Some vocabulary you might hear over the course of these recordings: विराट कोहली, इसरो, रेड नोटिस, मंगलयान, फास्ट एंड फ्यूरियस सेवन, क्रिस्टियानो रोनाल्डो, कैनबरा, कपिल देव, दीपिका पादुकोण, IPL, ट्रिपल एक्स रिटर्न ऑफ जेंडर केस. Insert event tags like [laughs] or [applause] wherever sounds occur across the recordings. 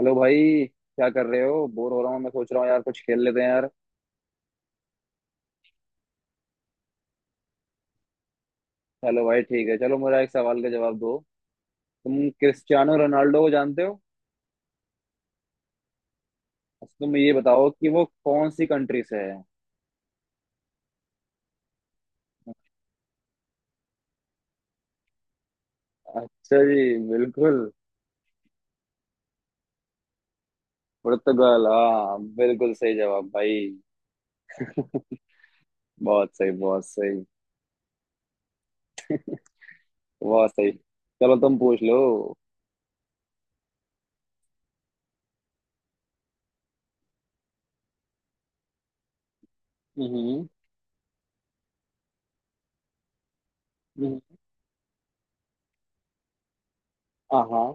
Hello भाई। क्या कर रहे हो? बोर हो रहा हूँ। मैं सोच रहा हूँ यार, कुछ खेल लेते हैं यार। चलो भाई ठीक है, चलो मेरा एक सवाल का जवाब दो। तुम क्रिस्टियानो रोनाल्डो को जानते हो? अच्छा, तुम ये बताओ कि वो कौन सी कंट्री से है। अच्छा जी, बिल्कुल। पुर्तगाल। हाँ बिल्कुल सही जवाब भाई। [laughs] बहुत सही, बहुत सही। बहुत सही, चलो तुम पूछ लो। हम्म। हम्म, हाँ हाँ,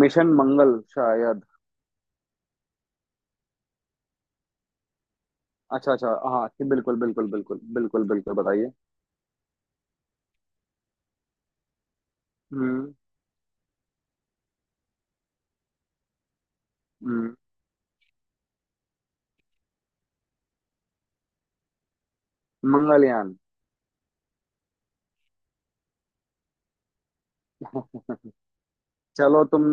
मिशन मंगल शायद। अच्छा अच्छा, हाँ बिल्कुल बिल्कुल बिल्कुल बिल्कुल बिल्कुल, बताइए। हम्म। मंगलयान। [laughs] चलो, तुम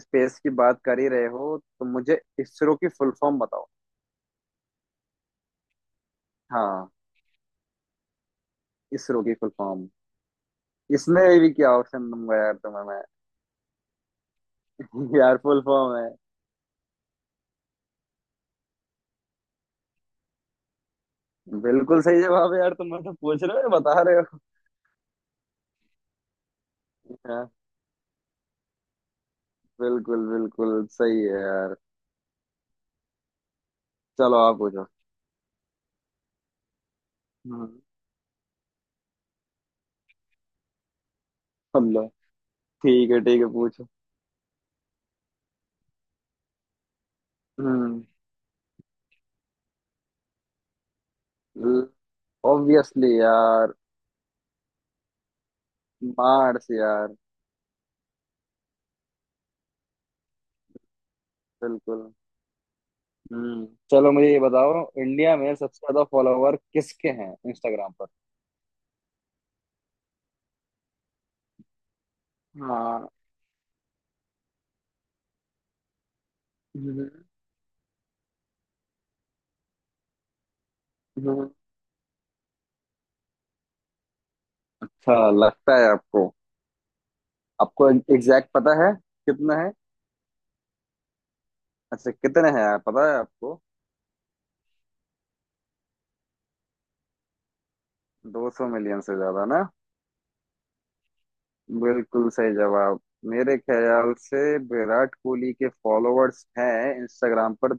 स्पेस की बात कर ही रहे हो तो मुझे इसरो की फुल फॉर्म बताओ। हाँ। इसरो की फुल फॉर्म। इसमें भी क्या ऑप्शन दूंगा यार तुम्हें मैं? [laughs] यार, फुल फॉर्म है। बिल्कुल सही जवाब है यार। तुम मुझसे पूछ रहे हो या बता रहे हो? हाँ, बिल्कुल बिल्कुल सही है यार। चलो आप पूछो। हम्म। अल्लाह। ठीक है ठीक है, पूछो। हम्म। ऑब्वियसली यार। मार्स यार। बिल्कुल। हम्म। चलो मुझे ये बताओ, इंडिया में सबसे ज्यादा फॉलोवर किसके हैं इंस्टाग्राम पर? हाँ। हम्म, हम्म। अच्छा, लगता है आपको? आपको एग्जैक्ट पता है कितना है? अच्छा, कितने हैं यार, पता है आपको? 200 मिलियन से ज्यादा ना? बिल्कुल सही जवाब। मेरे ख्याल से विराट कोहली के फॉलोअर्स हैं इंस्टाग्राम पर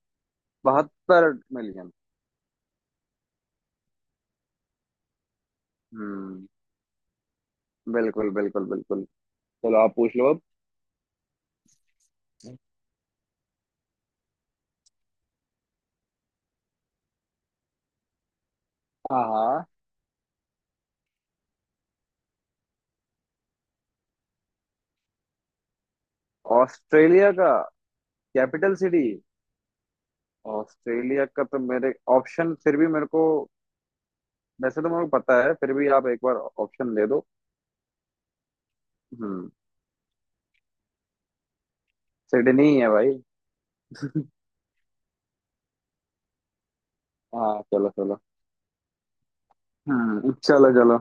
272 मिलियन। हम्म। बिल्कुल बिल्कुल बिल्कुल, चलो आप पूछ लो अब। हाँ हाँ। ऑस्ट्रेलिया का कैपिटल सिटी। ऑस्ट्रेलिया का तो मेरे ऑप्शन फिर भी मेरे को, वैसे तो मेरे को पता है फिर भी आप एक बार ऑप्शन दे दो। हम्म। सिडनी है भाई। हाँ चलो चलो। हम्म, चलो चलो।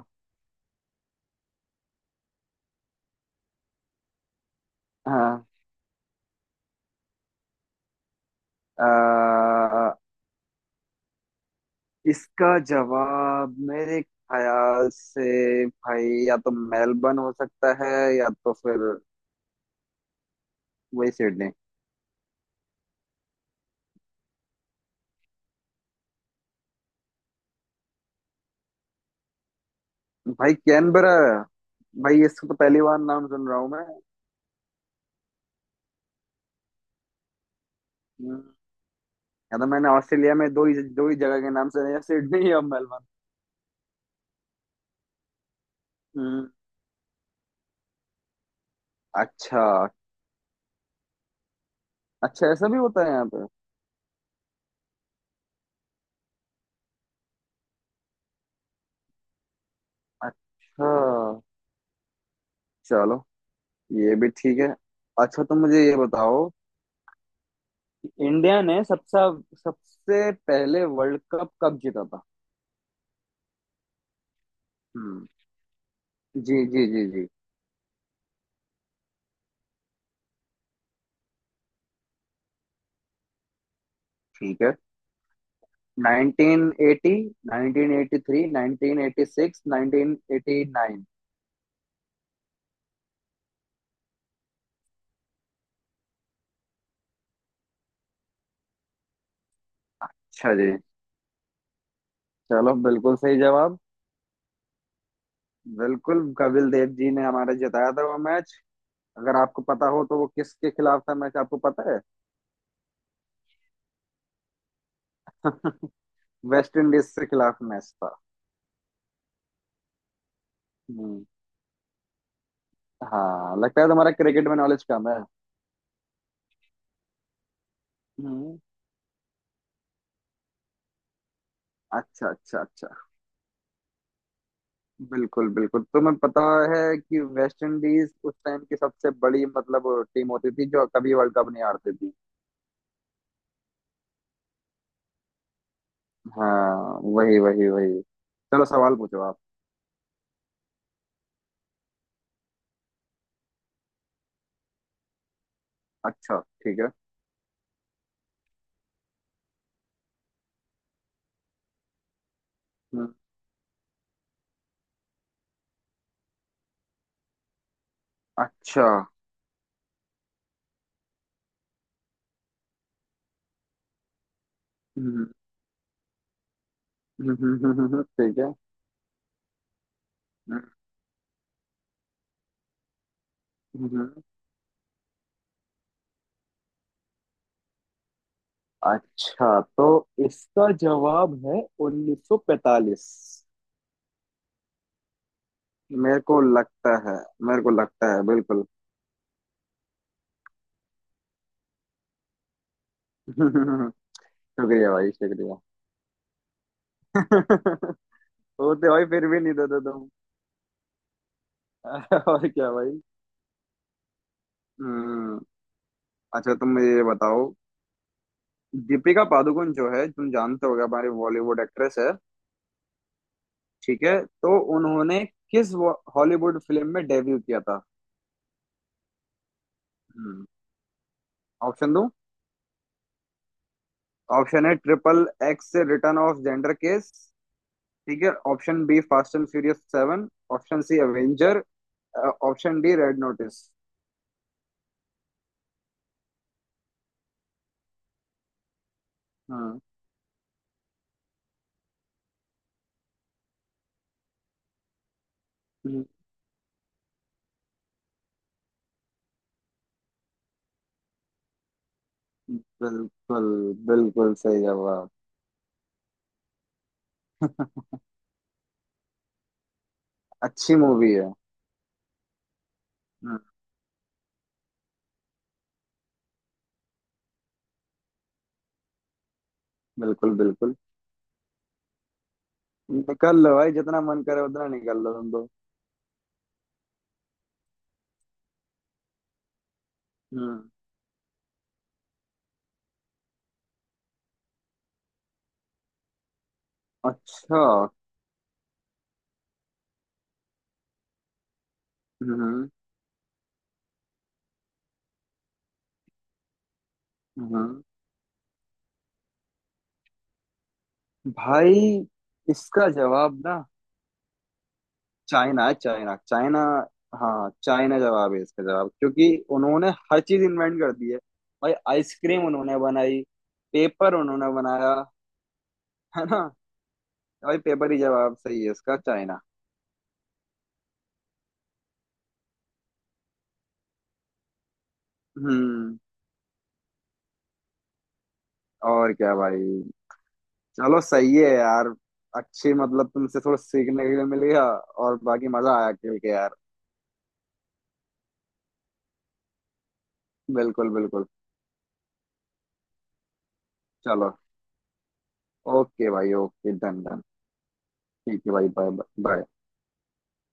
हाँ, अ, इसका जवाब मेरे ख्याल से भाई या तो मेलबर्न हो सकता है, या तो फिर वही सिडनी। भाई कैनबरा। भाई, इसका तो पहली बार नाम सुन रहा हूँ मैं। हम्म, या तो मैंने ऑस्ट्रेलिया में दो ही जगह के नाम सुने हैं, सिडनी या मेलबर्न। हम्म। अच्छा। अच्छा, ऐसा भी होता है यहाँ पे? अच्छा, चलो ये भी ठीक है। अच्छा तुम मुझे ये बताओ कि इंडिया ने सबसे सबसे पहले वर्ल्ड कप कब जीता था? हम्म। जी जी जी जी। ठीक है, 1980, 1983, 1986, 1989। अच्छा जी। चलो बिल्कुल सही जवाब। बिल्कुल, कपिल देव जी ने हमारे जिताया था वो मैच। अगर आपको पता हो तो वो किसके खिलाफ था मैच, आपको पता है? [laughs] वेस्ट इंडीज के खिलाफ मैच था। हम्म। हाँ, लगता है तुम्हारा क्रिकेट में नॉलेज कम है। हम्म। अच्छा अच्छा अच्छा। बिल्कुल बिल्कुल, तुम्हें पता है कि वेस्ट इंडीज उस टाइम की सबसे बड़ी मतलब टीम होती थी जो कभी वर्ल्ड कप नहीं हारती थी। हाँ वही वही वही, चलो सवाल पूछो आप। अच्छा। ठीक है। हम्म, अच्छा। हम्म, ठीक है। हम्म, हम्म, हम्म। अच्छा, तो इसका जवाब है 1945। मेरे को लगता है मेरे को लगता है, बिल्कुल। [laughs] शुक्रिया भाई, शुक्रिया। [laughs] होते भाई फिर भी नहीं देते तुम। [laughs] और क्या भाई। हम्म। अच्छा, तुम मुझे ये बताओ, दीपिका पादुकोण जो है, तुम जानते होगे, हमारी बॉलीवुड एक्ट्रेस है। ठीक है, तो उन्होंने किस हॉलीवुड फिल्म में डेब्यू किया था? हम्म। ऑप्शन दूं? ऑप्शन है ट्रिपल एक्स से रिटर्न ऑफ जेंडर केस। ठीक है। Option B फास्ट एंड फ्यूरियस सेवन। Option C Avenger. Option D रेड नोटिस। हाँ बिल्कुल, बिल्कुल सही जवाब। अच्छी मूवी है। हाँ। बिल्कुल बिल्कुल, निकल लो भाई, जितना मन करे उतना निकल लो तुम तो। हम्म। अच्छा। हम्म हम्म। भाई, इसका जवाब ना चाइना है, चाइना चाइना। हाँ चाइना जवाब है इसका जवाब, क्योंकि उन्होंने हर चीज इन्वेंट कर दी है भाई। आइसक्रीम उन्होंने बनाई, पेपर उन्होंने बनाया, है ना? भाई, पेपर ही जवाब सही है इसका, चाइना। हम्म। और क्या भाई। चलो सही है यार। अच्छी, मतलब तुमसे थोड़ा सीखने के लिए मिल गया, और बाकी मजा आया खेल के यार। बिल्कुल बिल्कुल, चलो। ओके भाई ओके, डन डन। ठीक है भाई, बाय बाय।